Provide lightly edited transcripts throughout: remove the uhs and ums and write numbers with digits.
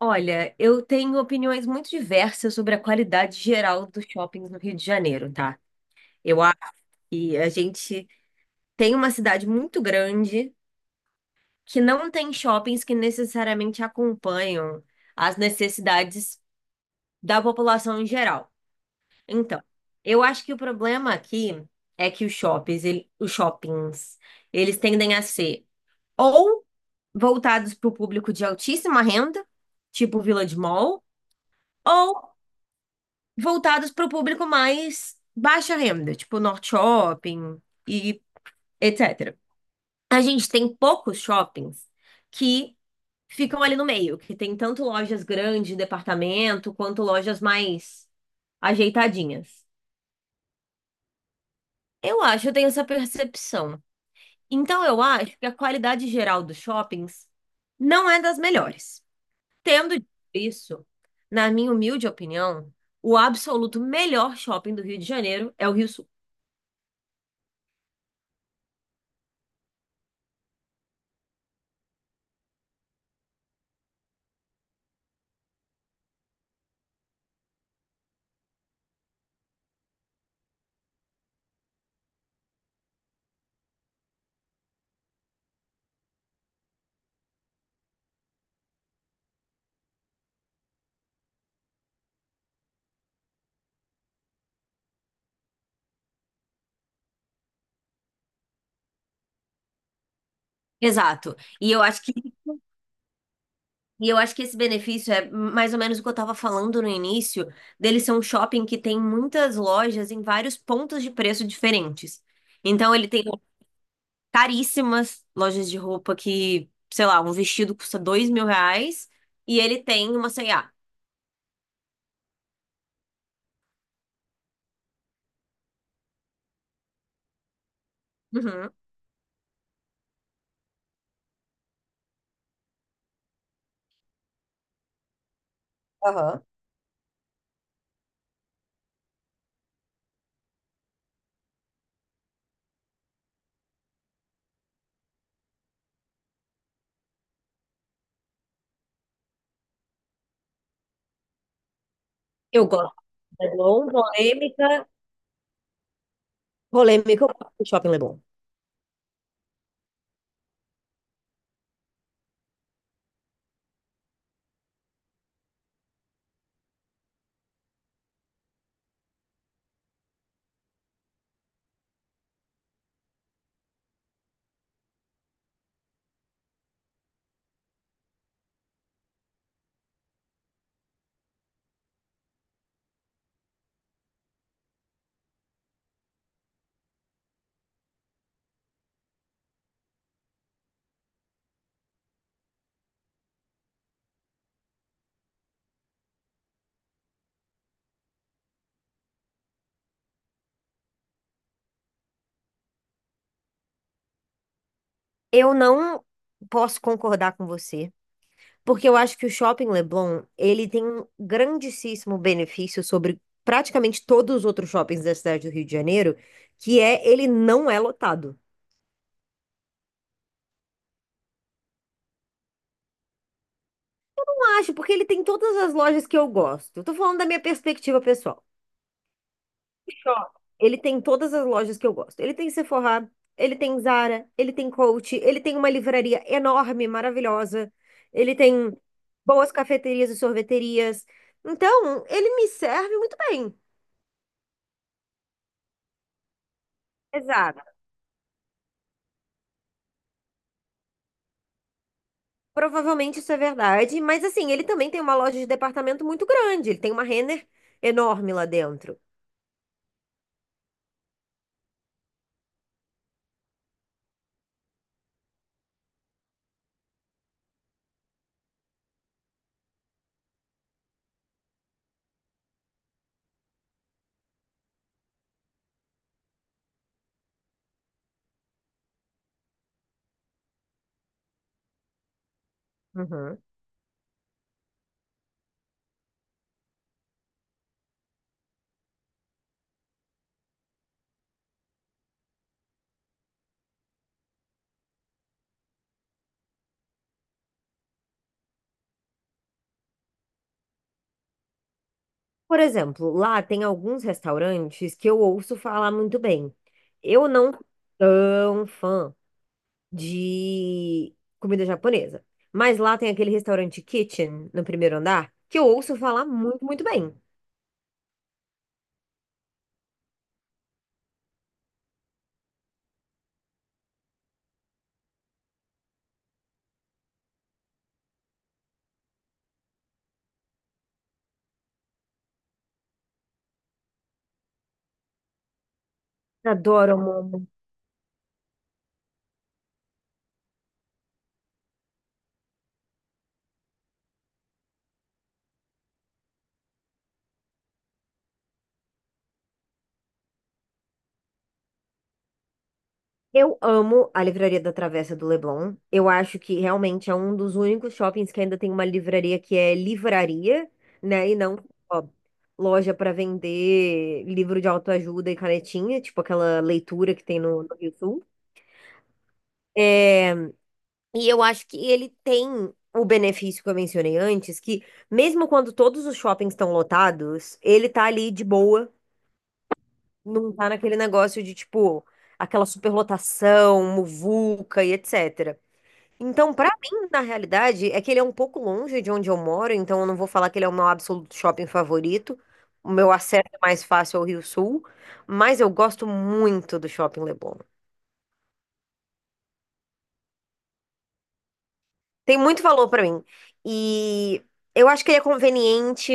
Olha, eu tenho opiniões muito diversas sobre a qualidade geral dos shoppings no Rio de Janeiro, tá? Eu acho que a gente tem uma cidade muito grande que não tem shoppings que necessariamente acompanham as necessidades da população em geral. Então, eu acho que o problema aqui é que os shoppings, os shoppings, eles tendem a ser ou voltados para o público de altíssima renda, tipo Village Mall, ou voltados para o público mais baixa renda, tipo Norte Shopping e etc. A gente tem poucos shoppings que ficam ali no meio, que tem tanto lojas grandes de departamento quanto lojas mais ajeitadinhas. Eu tenho essa percepção. Então eu acho que a qualidade geral dos shoppings não é das melhores. Tendo dito isso, na minha humilde opinião, o absoluto melhor shopping do Rio de Janeiro é o Rio. Exato. E eu acho que, e eu acho que esse benefício é mais ou menos o que eu estava falando no início, dele ser um shopping que tem muitas lojas em vários pontos de preço diferentes. Então ele tem caríssimas lojas de roupa que, sei lá, um vestido custa R$ 2.000 e ele tem uma C&A. Uhum. Aham. Eu gosto do Leblon, polêmica. Polêmica, eu gosto do Shopping Leblon. Eu não posso concordar com você, porque eu acho que o Shopping Leblon, ele tem um grandíssimo benefício sobre praticamente todos os outros shoppings da cidade do Rio de Janeiro, que é ele não é lotado. Eu acho, porque ele tem todas as lojas que eu gosto. Eu tô falando da minha perspectiva pessoal. O shopping, ele tem todas as lojas que eu gosto. Ele tem Sephora, ele tem Zara, ele tem Coach, ele tem uma livraria enorme, maravilhosa. Ele tem boas cafeterias e sorveterias. Então, ele me serve muito bem. Exato. Provavelmente isso é verdade, mas assim, ele também tem uma loja de departamento muito grande, ele tem uma Renner enorme lá dentro. Uhum. Por exemplo, lá tem alguns restaurantes que eu ouço falar muito bem. Eu não sou tão fã de comida japonesa, mas lá tem aquele restaurante Kitchen no primeiro andar que eu ouço falar muito, muito bem. Adoro, amor. Eu amo a Livraria da Travessa do Leblon. Eu acho que realmente é um dos únicos shoppings que ainda tem uma livraria que é livraria, né? E não ó, loja para vender livro de autoajuda e canetinha, tipo aquela leitura que tem no Rio Sul. É, e eu acho que ele tem o benefício que eu mencionei antes, que mesmo quando todos os shoppings estão lotados, ele tá ali de boa, não tá naquele negócio de tipo aquela superlotação, muvuca e etc. Então, pra mim, na realidade, é que ele é um pouco longe de onde eu moro, então eu não vou falar que ele é o meu absoluto shopping favorito. O meu acesso é mais fácil ao Rio Sul, mas eu gosto muito do Shopping Leblon. Tem muito valor pra mim. E eu acho que ele é conveniente,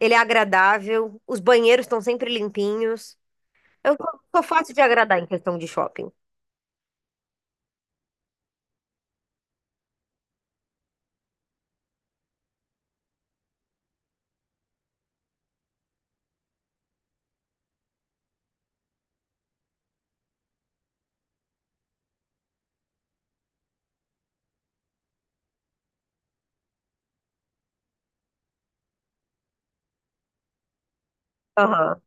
ele é agradável, os banheiros estão sempre limpinhos. Eu sou fácil de agradar em questão de shopping. Aham.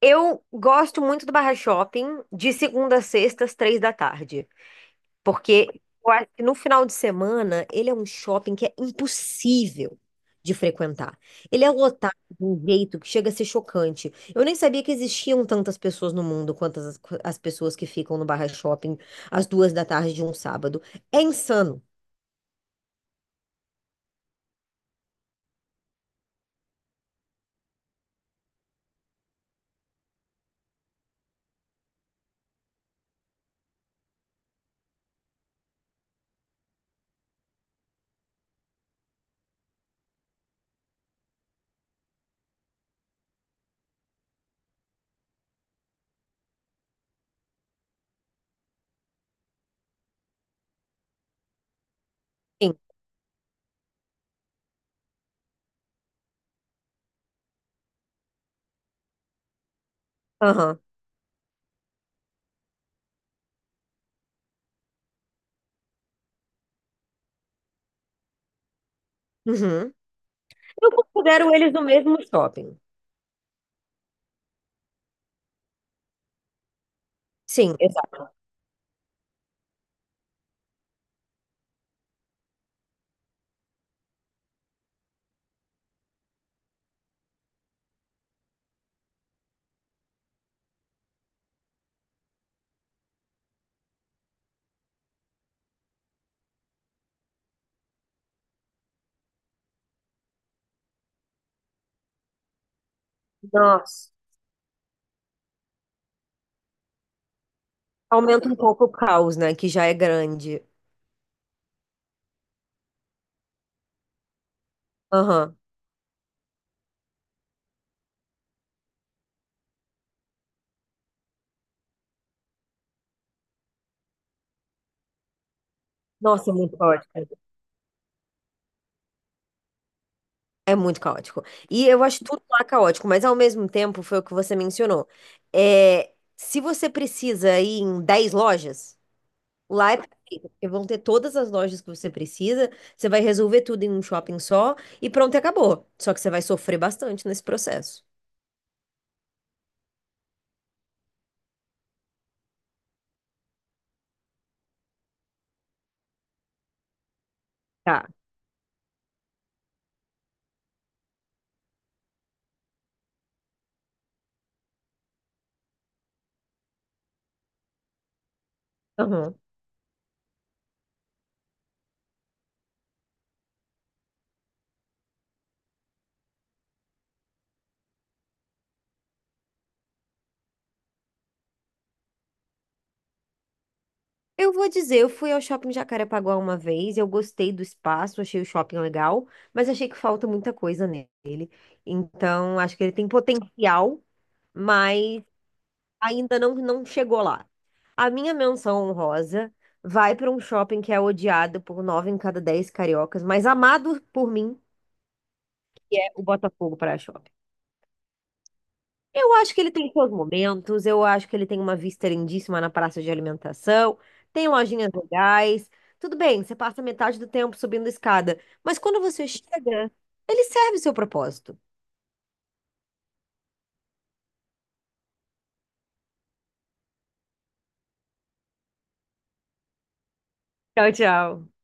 Eu gosto muito do Barra Shopping de segunda a sexta, às 3 da tarde. Porque eu acho que no final de semana ele é um shopping que é impossível de frequentar. Ele é lotado de um jeito que chega a ser chocante. Eu nem sabia que existiam tantas pessoas no mundo quantas as pessoas que ficam no Barra Shopping às 2 da tarde de um sábado. É insano. Sim. Aham. Uhum. Eu considero eles no mesmo shopping. Sim, exato. Nossa. Aumenta um pouco o caos, né? Que já é grande. Aham. Nossa, é muito forte. É muito caótico. E eu acho tudo lá é caótico, mas ao mesmo tempo, foi o que você mencionou. É, se você precisa ir em 10 lojas, lá é perfeito, porque vão ter todas as lojas que você precisa, você vai resolver tudo em um shopping só e pronto, acabou. Só que você vai sofrer bastante nesse processo. Tá. Aham. Eu vou dizer, eu fui ao shopping Jacarepaguá uma vez, eu gostei do espaço, achei o shopping legal, mas achei que falta muita coisa nele. Então, acho que ele tem potencial, mas ainda não chegou lá. A minha menção honrosa vai para um shopping que é odiado por 9 em cada 10 cariocas, mas amado por mim é o Botafogo Praia Shopping. Eu acho que ele tem seus momentos, eu acho que ele tem uma vista lindíssima na praça de alimentação, tem lojinhas legais. Tudo bem, você passa metade do tempo subindo escada, mas quando você chega, ele serve o seu propósito. Tchau, tchau.